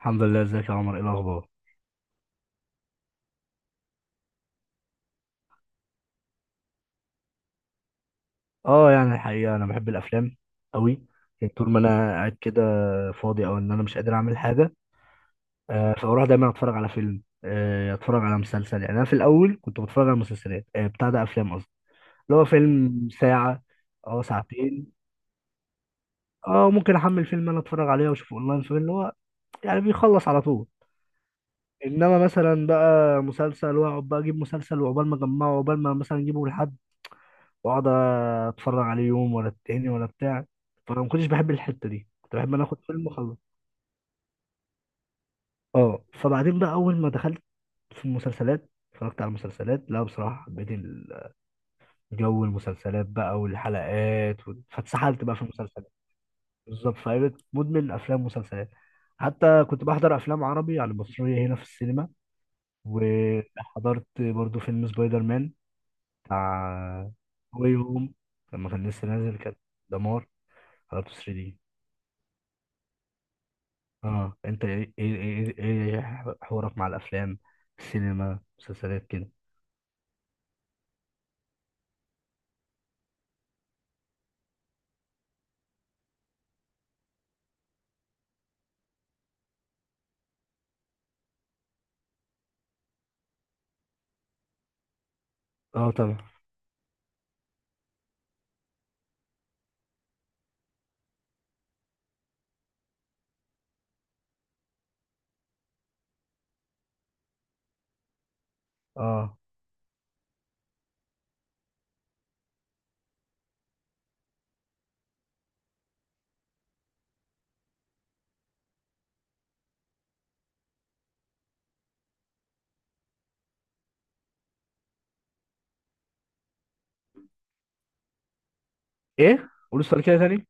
الحمد لله. ازيك يا عمر؟ ايه الاخبار؟ اه، يعني الحقيقه انا بحب الافلام قوي. يعني طول ما انا قاعد كده فاضي او ان انا مش قادر اعمل حاجه، آه فاروح دايما اتفرج على فيلم، آه اتفرج على مسلسل. يعني انا في الاول كنت بتفرج على مسلسلات، آه بتاع ده افلام قصدي، اللي هو فيلم ساعه، اه ساعتين. اه ممكن احمل فيلم انا اتفرج عليه واشوفه اونلاين، فيلم اللي هو يعني بيخلص على طول. انما مثلا بقى مسلسل، واقعد بقى اجيب مسلسل وعقبال ما اجمعه وعقبال ما مثلا اجيبه لحد، واقعد اتفرج عليه يوم ولا التاني ولا بتاع. فانا ما كنتش بحب الحته دي، كنت بحب ان انا اخد فيلم واخلص. اه، فبعدين بقى اول ما دخلت في المسلسلات اتفرجت على المسلسلات، لا بصراحه حبيت جو المسلسلات بقى والحلقات فاتسحلت بقى في المسلسلات. بالظبط، فبقيت مدمن افلام ومسلسلات. حتى كنت بحضر افلام عربي على المصريه هنا في السينما، وحضرت برضو فيلم سبايدر مان بتاع واي هوم لما كان لسه نازل، كان دمار. حضرته 3D. اه انت ايه ايه ايه إيه إيه حوارك مع الافلام، السينما، مسلسلات كده؟ اه طبعا. اه، ايه؟ قول السؤال كده تاني ده.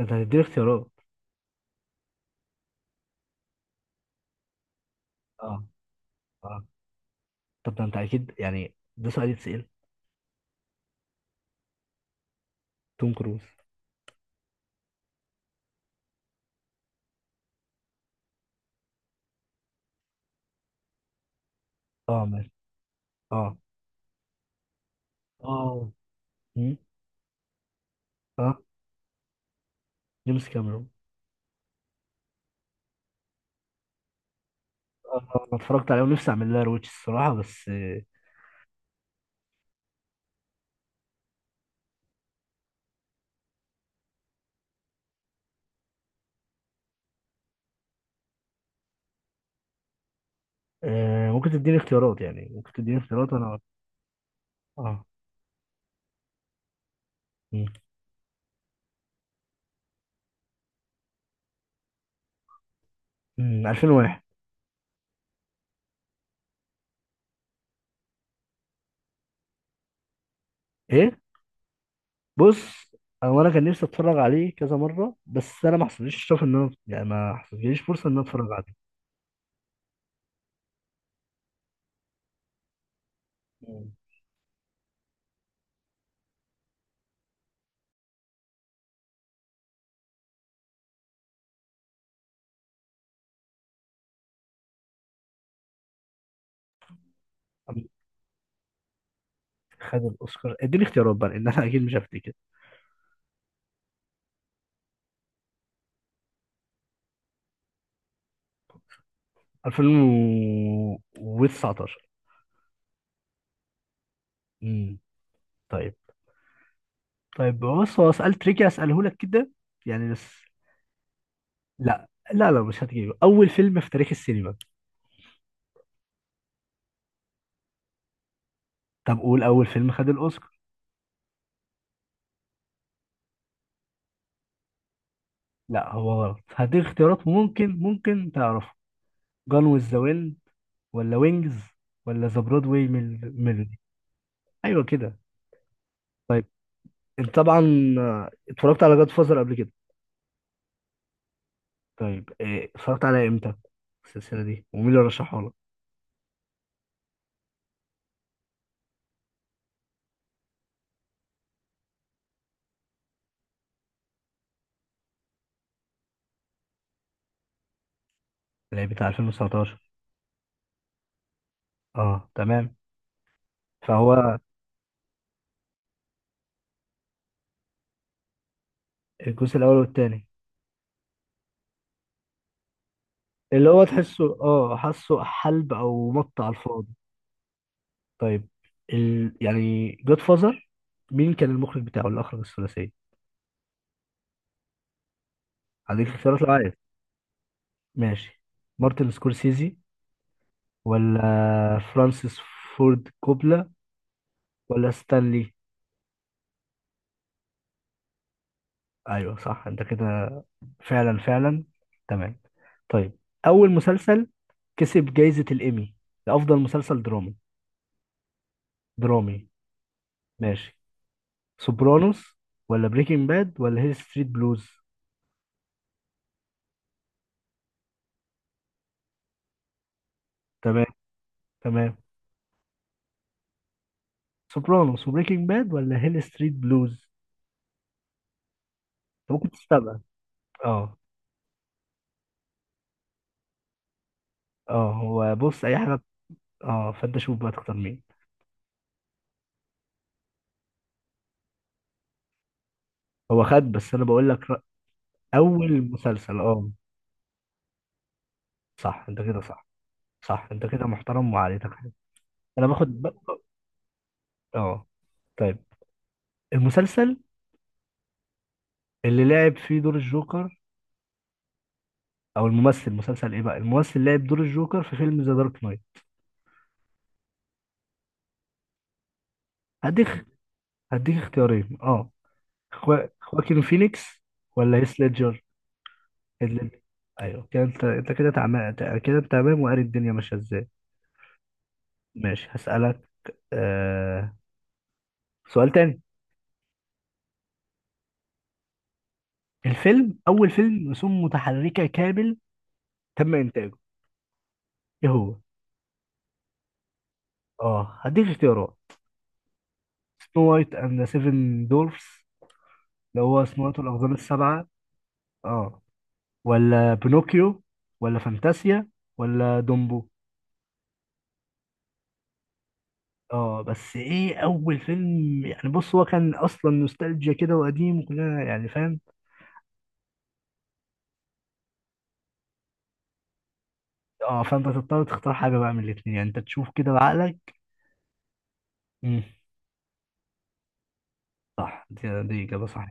انت هتديني اختيارات؟ اه. اه، طب ده انت اكيد، يعني ده سؤال يتسأل. توم كروز. اه ماشي. اه. اه. مم. اه، جيمس كاميرون. اه، آه، انا اتفرجت عليه ونفسي اعمل لها رويتش الصراحه، بس آه ممكن تديني اختيارات انا. اه. مم. مم، 2001. ايه، بص، هو انا كان نفسي اتفرج عليه كذا مره، بس انا ما حصلليش الشرف ان انا، يعني ما حصلليش فرصه ان انا اتفرج عليه. مم. أم- خد الاوسكار. اديني اختيارات بقى لان انا اكيد مش هفتكر. 2019. امم. طيب. طيب بص، هو سؤال تريكي اساله لك كده يعني، بس لا. لا مش هتجيبه، اول فيلم في تاريخ السينما. طب قول اول فيلم خد الاوسكار. لا هو غلط. هديك اختيارات، ممكن ممكن تعرفه. جون ويز ذا ويند، ولا وينجز، ولا ذا برودواي ميل؟ ايوه كده. طيب، انت طبعا آه، اتفرجت على جاد فازر قبل كده. طيب إيه، اتفرجت عليها امتى، السلسله دي، ومين اللي رشحها لك؟ اللي هي بتاع 2019. اه تمام. فهو الجزء الاول والتاني. اللي هو تحسه اه حاسه حلب او مقطع على الفاضي. طيب، يعني جاد فازر، مين كان المخرج بتاعه اللي اخرج الثلاثيه؟ هديك اختيارات لو عايز. ماشي، مارتن سكورسيزي، ولا فرانسيس فورد كوبلا، ولا ستانلي؟ ايوه صح، انت كده فعلا. تمام. طيب، اول مسلسل كسب جائزة الايمي لافضل مسلسل درامي. درامي. ماشي، سوبرانوس ولا بريكنج باد ولا هيل ستريت بلوز؟ تمام. تمام. سوبرانوس وبريكنج باد ولا هيل ستريت بلوز؟ انت ممكن تستبعد. اه. اه هو بص اي حاجه. اه فانت شوف بقى تختار مين. هو خد، بس انا بقول لك اول مسلسل. اه صح انت كده صح. صح انت كده، محترم وعليتك حلو. انا اه. طيب، المسلسل اللي لعب فيه دور الجوكر، او الممثل مسلسل ايه بقى الممثل لعب دور الجوكر في فيلم ذا دارك نايت. هديك هديك اختيارين اه. خواكين فينيكس، ولا هيث ليدجر؟ هيث ليدجر. ايوه كده، انت كده تمام كده، انت تمام، وقاري الدنيا ماشيه ازاي. ماشي، هسألك آه، سؤال تاني. الفيلم، اول فيلم رسوم متحركه كامل تم انتاجه، ايه هو؟ اه هديك اختيارات. سنو وايت اند ذا سيفن دورفز، اللي هو سنو وايت والاقزام السبعه اه، ولا بينوكيو، ولا فانتاسيا، ولا دومبو؟ اه بس ايه اول فيلم؟ يعني بص هو كان اصلا نوستالجيا كده وقديم وكلنا يعني فاهم. اه فانت تضطر تختار حاجه بقى من الاثنين، يعني انت تشوف كده بعقلك. امم. صح، دي اجابه صح.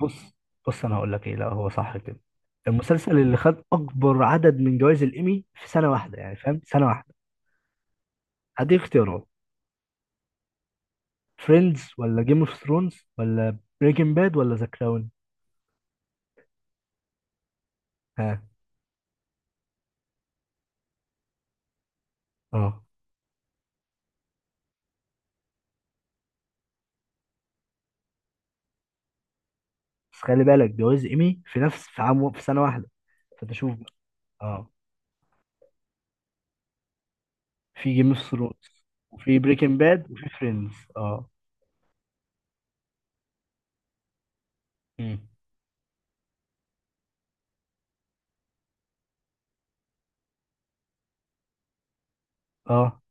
بص، بص انا هقول لك ايه، لا هو صح كده. المسلسل اللي خد اكبر عدد من جوائز الايمي في سنه واحده، يعني فاهم، سنه واحده. هدي اختيارات. فريندز، ولا جيم اوف ثرونز، ولا بريكنج باد، ولا ذا كراون؟ ها. اه بس خلي بالك جواز ايمي في نفس في عام في سنه واحده. فانت شوف بقى. اه. في جيم اوف ثرونز، وفي بريكنج باد، وفي فريندز اه. مم. اه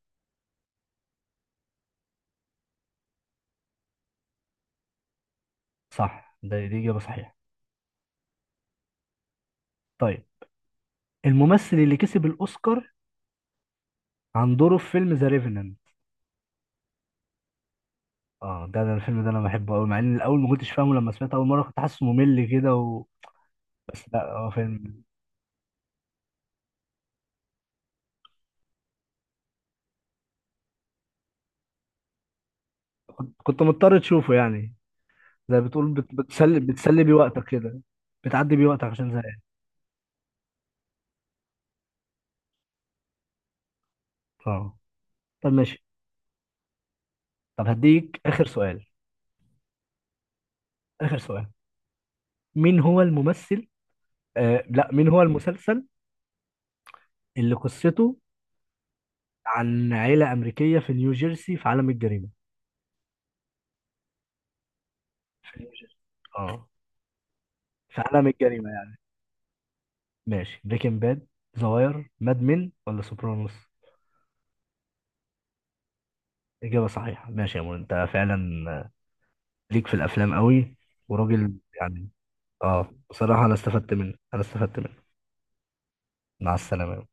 صح، ده دي اجابه صحيحه. طيب، الممثل اللي كسب الاوسكار عن دوره في فيلم ذا ريفننت. اه، ده ده الفيلم ده انا بحبه قوي، مع ان الاول ما كنتش فاهمه، لما سمعته اول مره كنت حاسه ممل كده و... بس لا هو فيلم. كنت كنت مضطر تشوفه يعني، زي بتقول بتسلي بتسلي بيه وقتك كده، بتعدي بيه وقتك عشان زهقان. اه طب ماشي. طب هديك آخر سؤال. آخر سؤال، مين هو الممثل، آه لا مين هو المسلسل اللي قصته عن عيلة أمريكية في نيوجيرسي في عالم الجريمة؟ في نيوجيرسي، اه، في عالم الجريمة يعني. ماشي، بريكنج باد، ذا واير، ماد مين، ولا سوبرانوس؟ إجابة صحيحة. ماشي يا مول، أنت فعلا ليك في الأفلام قوي. وراجل يعني. اه بصراحة أنا استفدت منك. مع السلامة.